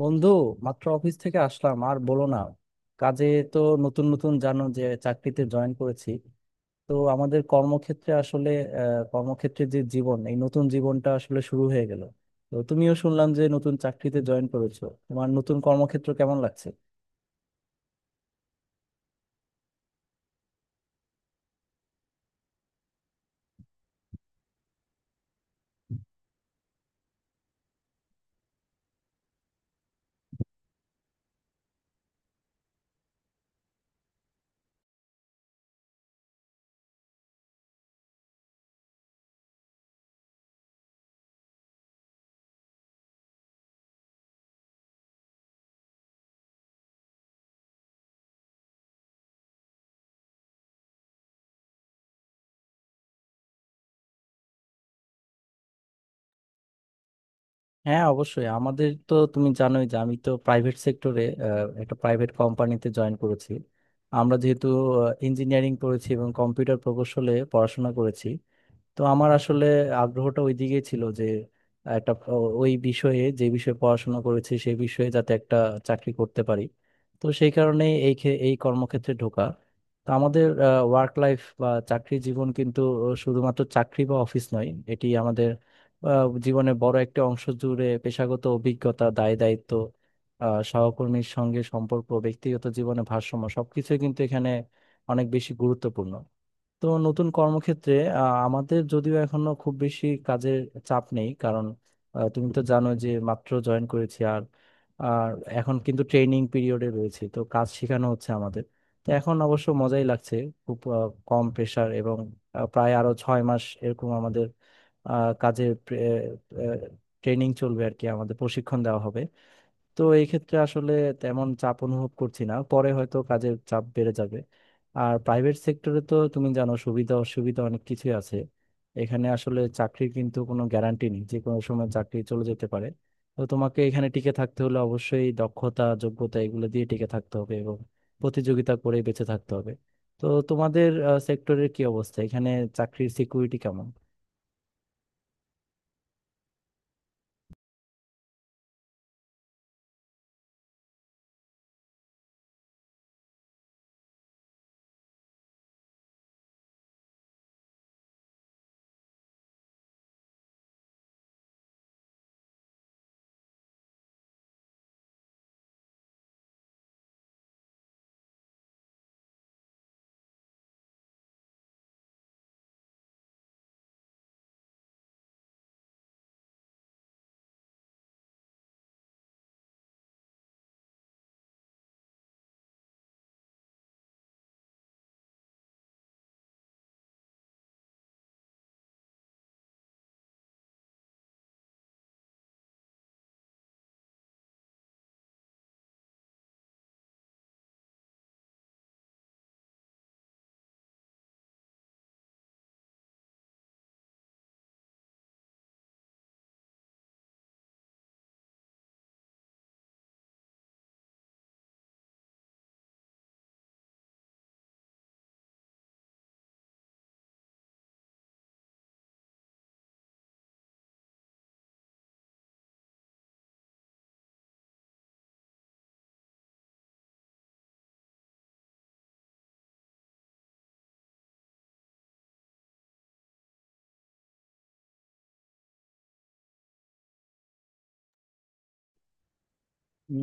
বন্ধু, মাত্র অফিস থেকে আসলাম। আর বলো না, কাজে। তো নতুন নতুন জানো যে চাকরিতে জয়েন করেছি। তো আমাদের কর্মক্ষেত্রে আসলে কর্মক্ষেত্রের যে জীবন, এই নতুন জীবনটা আসলে শুরু হয়ে গেল। তো তুমিও শুনলাম যে নতুন চাকরিতে জয়েন করেছো, তোমার নতুন কর্মক্ষেত্র কেমন লাগছে? হ্যাঁ অবশ্যই, আমাদের তো তুমি জানোই যে আমি তো প্রাইভেট সেক্টরে, একটা প্রাইভেট কোম্পানিতে জয়েন করেছি। আমরা যেহেতু ইঞ্জিনিয়ারিং পড়েছি এবং কম্পিউটার প্রকৌশলে পড়াশোনা করেছি, তো আমার আসলে আগ্রহটা ওইদিকেই ছিল যে একটা ওই বিষয়ে, যে বিষয়ে পড়াশোনা করেছি সেই বিষয়ে যাতে একটা চাকরি করতে পারি। তো সেই কারণে এই এই কর্মক্ষেত্রে ঢোকা। তো আমাদের ওয়ার্ক লাইফ বা চাকরি জীবন কিন্তু শুধুমাত্র চাকরি বা অফিস নয়। এটি আমাদের জীবনের বড় একটা অংশ জুড়ে পেশাগত অভিজ্ঞতা, দায় দায়িত্ব, সহকর্মীর সঙ্গে সম্পর্ক, ব্যক্তিগত জীবনে ভারসাম্য, সবকিছুই কিন্তু এখানে অনেক বেশি গুরুত্বপূর্ণ। তো নতুন কর্মক্ষেত্রে আমাদের যদিও এখনো খুব বেশি কাজের চাপ নেই, কারণ তুমি তো জানো যে মাত্র জয়েন করেছি। আর আর এখন কিন্তু ট্রেনিং পিরিয়ডে রয়েছে, তো কাজ শেখানো হচ্ছে আমাদের। তো এখন অবশ্য মজাই লাগছে, খুব কম প্রেশার। এবং প্রায় আরো 6 মাস এরকম আমাদের কাজের ট্রেনিং চলবে আর কি, আমাদের প্রশিক্ষণ দেওয়া হবে। তো এই ক্ষেত্রে আসলে তেমন চাপ অনুভব করছি না, পরে হয়তো কাজের চাপ বেড়ে যাবে। আর প্রাইভেট সেক্টরে তো তুমি জানো সুবিধা অসুবিধা অনেক কিছুই আছে। এখানে আসলে চাকরির কিন্তু কোনো গ্যারান্টি নেই, যে কোনো সময় চাকরি চলে যেতে পারে। তো তোমাকে এখানে টিকে থাকতে হলে অবশ্যই দক্ষতা, যোগ্যতা এগুলো দিয়ে টিকে থাকতে হবে এবং প্রতিযোগিতা করে বেঁচে থাকতে হবে। তো তোমাদের সেক্টরের কি অবস্থা, এখানে চাকরির সিকিউরিটি কেমন?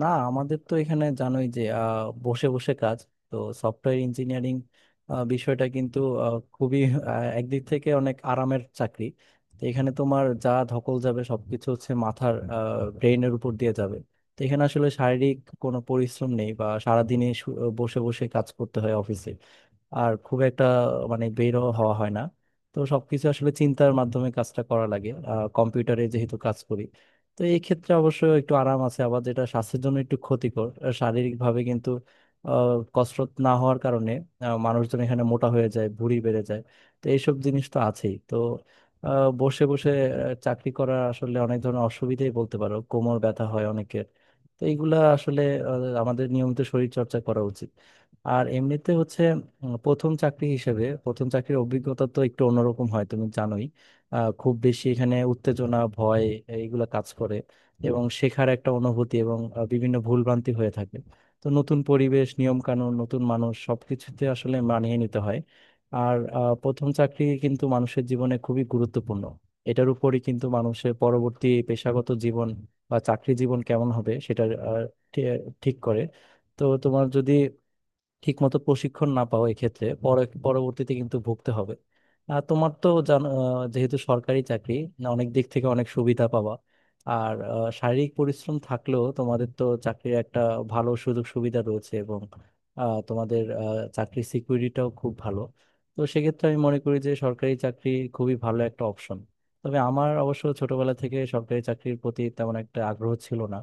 না, আমাদের তো এখানে জানোই যে বসে বসে কাজ। তো সফটওয়্যার ইঞ্জিনিয়ারিং বিষয়টা কিন্তু খুবই একদিক থেকে অনেক আরামের চাকরি। তো এখানে তোমার যা ধকল যাবে সবকিছু হচ্ছে মাথার, ব্রেইনের উপর দিয়ে যাবে। তো এখানে আসলে শারীরিক কোনো পরিশ্রম নেই, বা সারাদিনে বসে বসে কাজ করতে হয় অফিসে। আর খুব একটা মানে বেরও হওয়া হয় না। তো সবকিছু আসলে চিন্তার মাধ্যমে কাজটা করা লাগে, কম্পিউটারে যেহেতু কাজ করি। তো এই ক্ষেত্রে অবশ্য একটু আরাম আছে। আবার যেটা স্বাস্থ্যের জন্য একটু ক্ষতিকর, শারীরিকভাবে কিন্তু আহ, কসরত না হওয়ার কারণে মানুষজন এখানে মোটা হয়ে যায়, ভুঁড়ি বেড়ে যায়। তো এইসব জিনিস তো আছেই। তো বসে বসে চাকরি করার আসলে অনেক ধরনের অসুবিধাই বলতে পারো, কোমর ব্যথা হয় অনেকের। তো এইগুলা আসলে আমাদের নিয়মিত শরীর চর্চা করা উচিত। আর এমনিতে হচ্ছে প্রথম চাকরি হিসেবে প্রথম চাকরির অভিজ্ঞতা তো একটু অন্যরকম হয়, তুমি জানোই। খুব বেশি এখানে উত্তেজনা, ভয় এইগুলো কাজ করে এবং শেখার একটা অনুভূতি এবং বিভিন্ন ভুলভ্রান্তি হয়ে থাকে। তো নতুন পরিবেশ, নিয়ম কানুন, নতুন মানুষ, সবকিছুতে আসলে মানিয়ে নিতে হয়। আর প্রথম চাকরি কিন্তু মানুষের জীবনে খুবই গুরুত্বপূর্ণ। এটার উপরই কিন্তু মানুষের পরবর্তী পেশাগত জীবন বা চাকরি জীবন কেমন হবে সেটা আহ, ঠি- ঠিক করে। তো তোমার যদি ঠিকমতো প্রশিক্ষণ না পাওয়া, এক্ষেত্রে পরে পরবর্তীতে কিন্তু ভুগতে হবে। আর তোমার তো জানো যেহেতু সরকারি চাকরি, না, অনেক দিক থেকে অনেক সুবিধা পাওয়া। আর শারীরিক পরিশ্রম থাকলেও তোমাদের তো চাকরির একটা ভালো সুযোগ সুবিধা রয়েছে, এবং তোমাদের চাকরির সিকিউরিটিটাও খুব ভালো। তো সেক্ষেত্রে আমি মনে করি যে সরকারি চাকরি খুবই ভালো একটা অপশন। তবে আমার অবশ্য ছোটবেলা থেকে সরকারি চাকরির প্রতি তেমন একটা আগ্রহ ছিল না,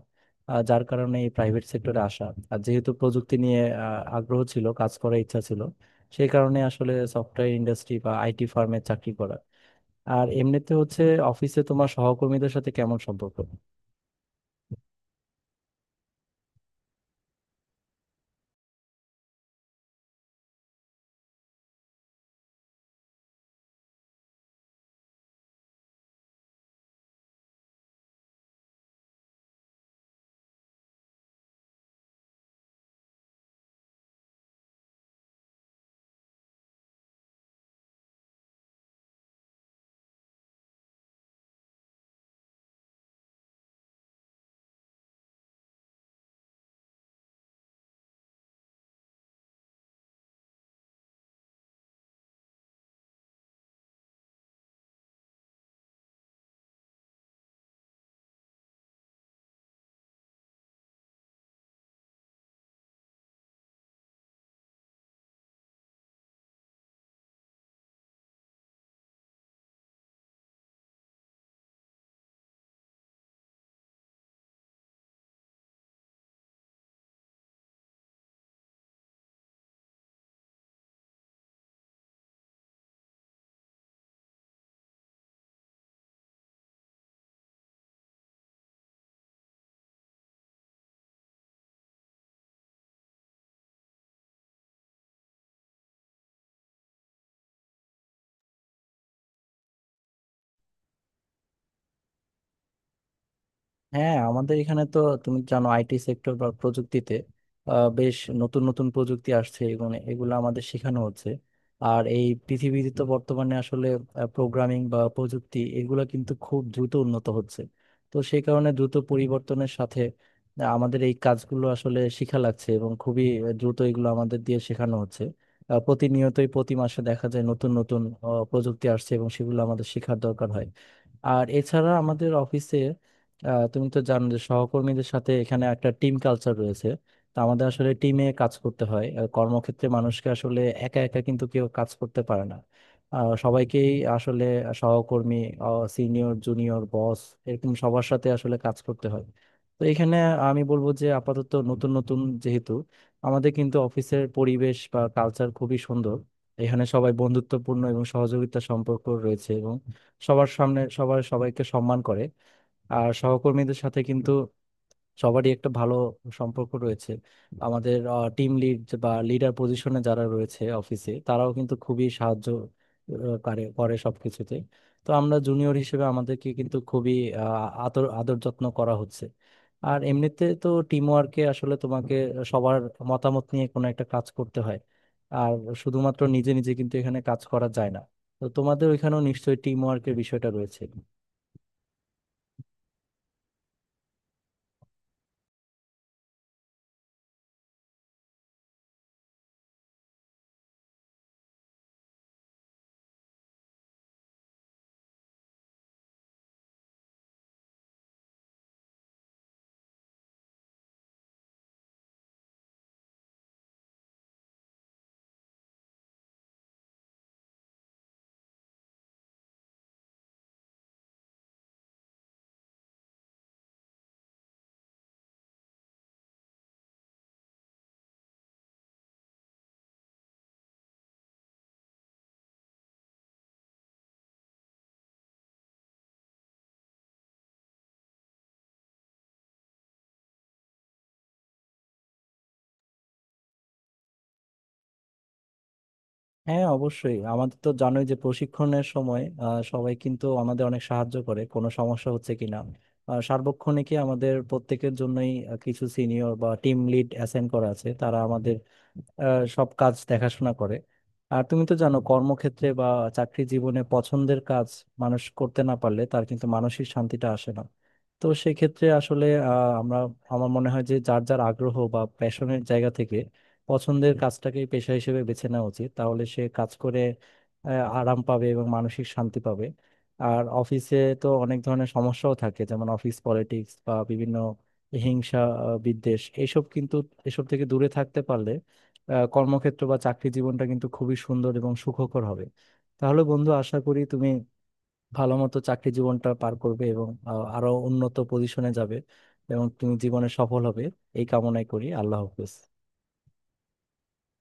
যার কারণে এই প্রাইভেট সেক্টরে আসা। আর যেহেতু প্রযুক্তি নিয়ে আগ্রহ ছিল, কাজ করার ইচ্ছা ছিল, সেই কারণে আসলে সফটওয়্যার ইন্ডাস্ট্রি বা আইটি ফার্মে চাকরি করা। আর এমনিতে হচ্ছে, অফিসে তোমার সহকর্মীদের সাথে কেমন সম্পর্ক? হ্যাঁ, আমাদের এখানে তো তুমি জানো আইটি সেক্টর বা প্রযুক্তিতে বেশ নতুন নতুন প্রযুক্তি আসছে, এগুলো এগুলো আমাদের শেখানো হচ্ছে। আর এই পৃথিবীতে তো বর্তমানে আসলে প্রোগ্রামিং বা প্রযুক্তি এগুলো কিন্তু খুব দ্রুত উন্নত হচ্ছে। তো সেই কারণে দ্রুত পরিবর্তনের সাথে আমাদের এই কাজগুলো আসলে শেখা লাগছে এবং খুবই দ্রুত এগুলো আমাদের দিয়ে শেখানো হচ্ছে। প্রতিনিয়তই প্রতি মাসে দেখা যায় নতুন নতুন প্রযুক্তি আসছে এবং সেগুলো আমাদের শেখার দরকার হয়। আর এছাড়া আমাদের অফিসে তুমি তো জানো যে সহকর্মীদের সাথে এখানে একটা টিম কালচার রয়েছে। তো আমাদের আসলে টিমে কাজ করতে হয়। কর্মক্ষেত্রে মানুষকে আসলে একা একা কিন্তু কেউ কাজ করতে পারে না। সবাইকেই আসলে সহকর্মী, সিনিয়র, জুনিয়র, বস, এরকম সবার সাথে আসলে কাজ করতে হয়। তো এখানে আমি বলবো যে আপাতত নতুন নতুন যেহেতু, আমাদের কিন্তু অফিসের পরিবেশ বা কালচার খুবই সুন্দর। এখানে সবাই বন্ধুত্বপূর্ণ এবং সহযোগিতা সম্পর্ক রয়েছে এবং সবার সামনে সবার সবাইকে সম্মান করে। আর সহকর্মীদের সাথে কিন্তু সবারই একটা ভালো সম্পর্ক রয়েছে। আমাদের টিম লিড বা লিডার পজিশনে যারা রয়েছে অফিসে তারাও কিন্তু খুবই সাহায্য করে করে সবকিছুতে। তো আমরা জুনিয়র হিসেবে আমাদেরকে কিন্তু খুবই আহ, আদর আদর যত্ন করা হচ্ছে। আর এমনিতে তো টিম ওয়ার্কে আসলে তোমাকে সবার মতামত নিয়ে কোনো একটা কাজ করতে হয়। আর শুধুমাত্র নিজে নিজে কিন্তু এখানে কাজ করা যায় না। তো তোমাদের ওইখানেও নিশ্চয়ই টিম ওয়ার্কের বিষয়টা রয়েছে। হ্যাঁ অবশ্যই, আমাদের তো জানোই যে প্রশিক্ষণের সময় সবাই কিন্তু আমাদের অনেক সাহায্য করে, কোনো সমস্যা হচ্ছে কিনা। সার্বক্ষণিকই আমাদের প্রত্যেকের জন্যই কিছু সিনিয়র বা টিম লিড অ্যাসাইন করা আছে, তারা আমাদের সব কাজ দেখাশোনা করে। আর তুমি তো জানো কর্মক্ষেত্রে বা চাকরি জীবনে পছন্দের কাজ মানুষ করতে না পারলে তার কিন্তু মানসিক শান্তিটা আসে না। তো সেক্ষেত্রে আসলে আমরা আমার মনে হয় যে যার যার আগ্রহ বা প্যাশনের জায়গা থেকে পছন্দের কাজটাকে পেশা হিসেবে বেছে নেওয়া উচিত। তাহলে সে কাজ করে আহ, আরাম পাবে এবং মানসিক শান্তি পাবে। আর অফিসে তো অনেক ধরনের সমস্যাও থাকে, যেমন অফিস পলিটিক্স বা বিভিন্ন হিংসা, বিদ্বেষ, এসব কিন্তু, এসব থেকে দূরে থাকতে পারলে কর্মক্ষেত্র বা চাকরি জীবনটা কিন্তু খুবই সুন্দর এবং সুখকর হবে। তাহলে বন্ধু, আশা করি তুমি ভালো মতো চাকরি জীবনটা পার করবে এবং আরো উন্নত পজিশনে যাবে এবং তুমি জীবনে সফল হবে। এই কামনাই করি। আল্লাহ হাফেজ।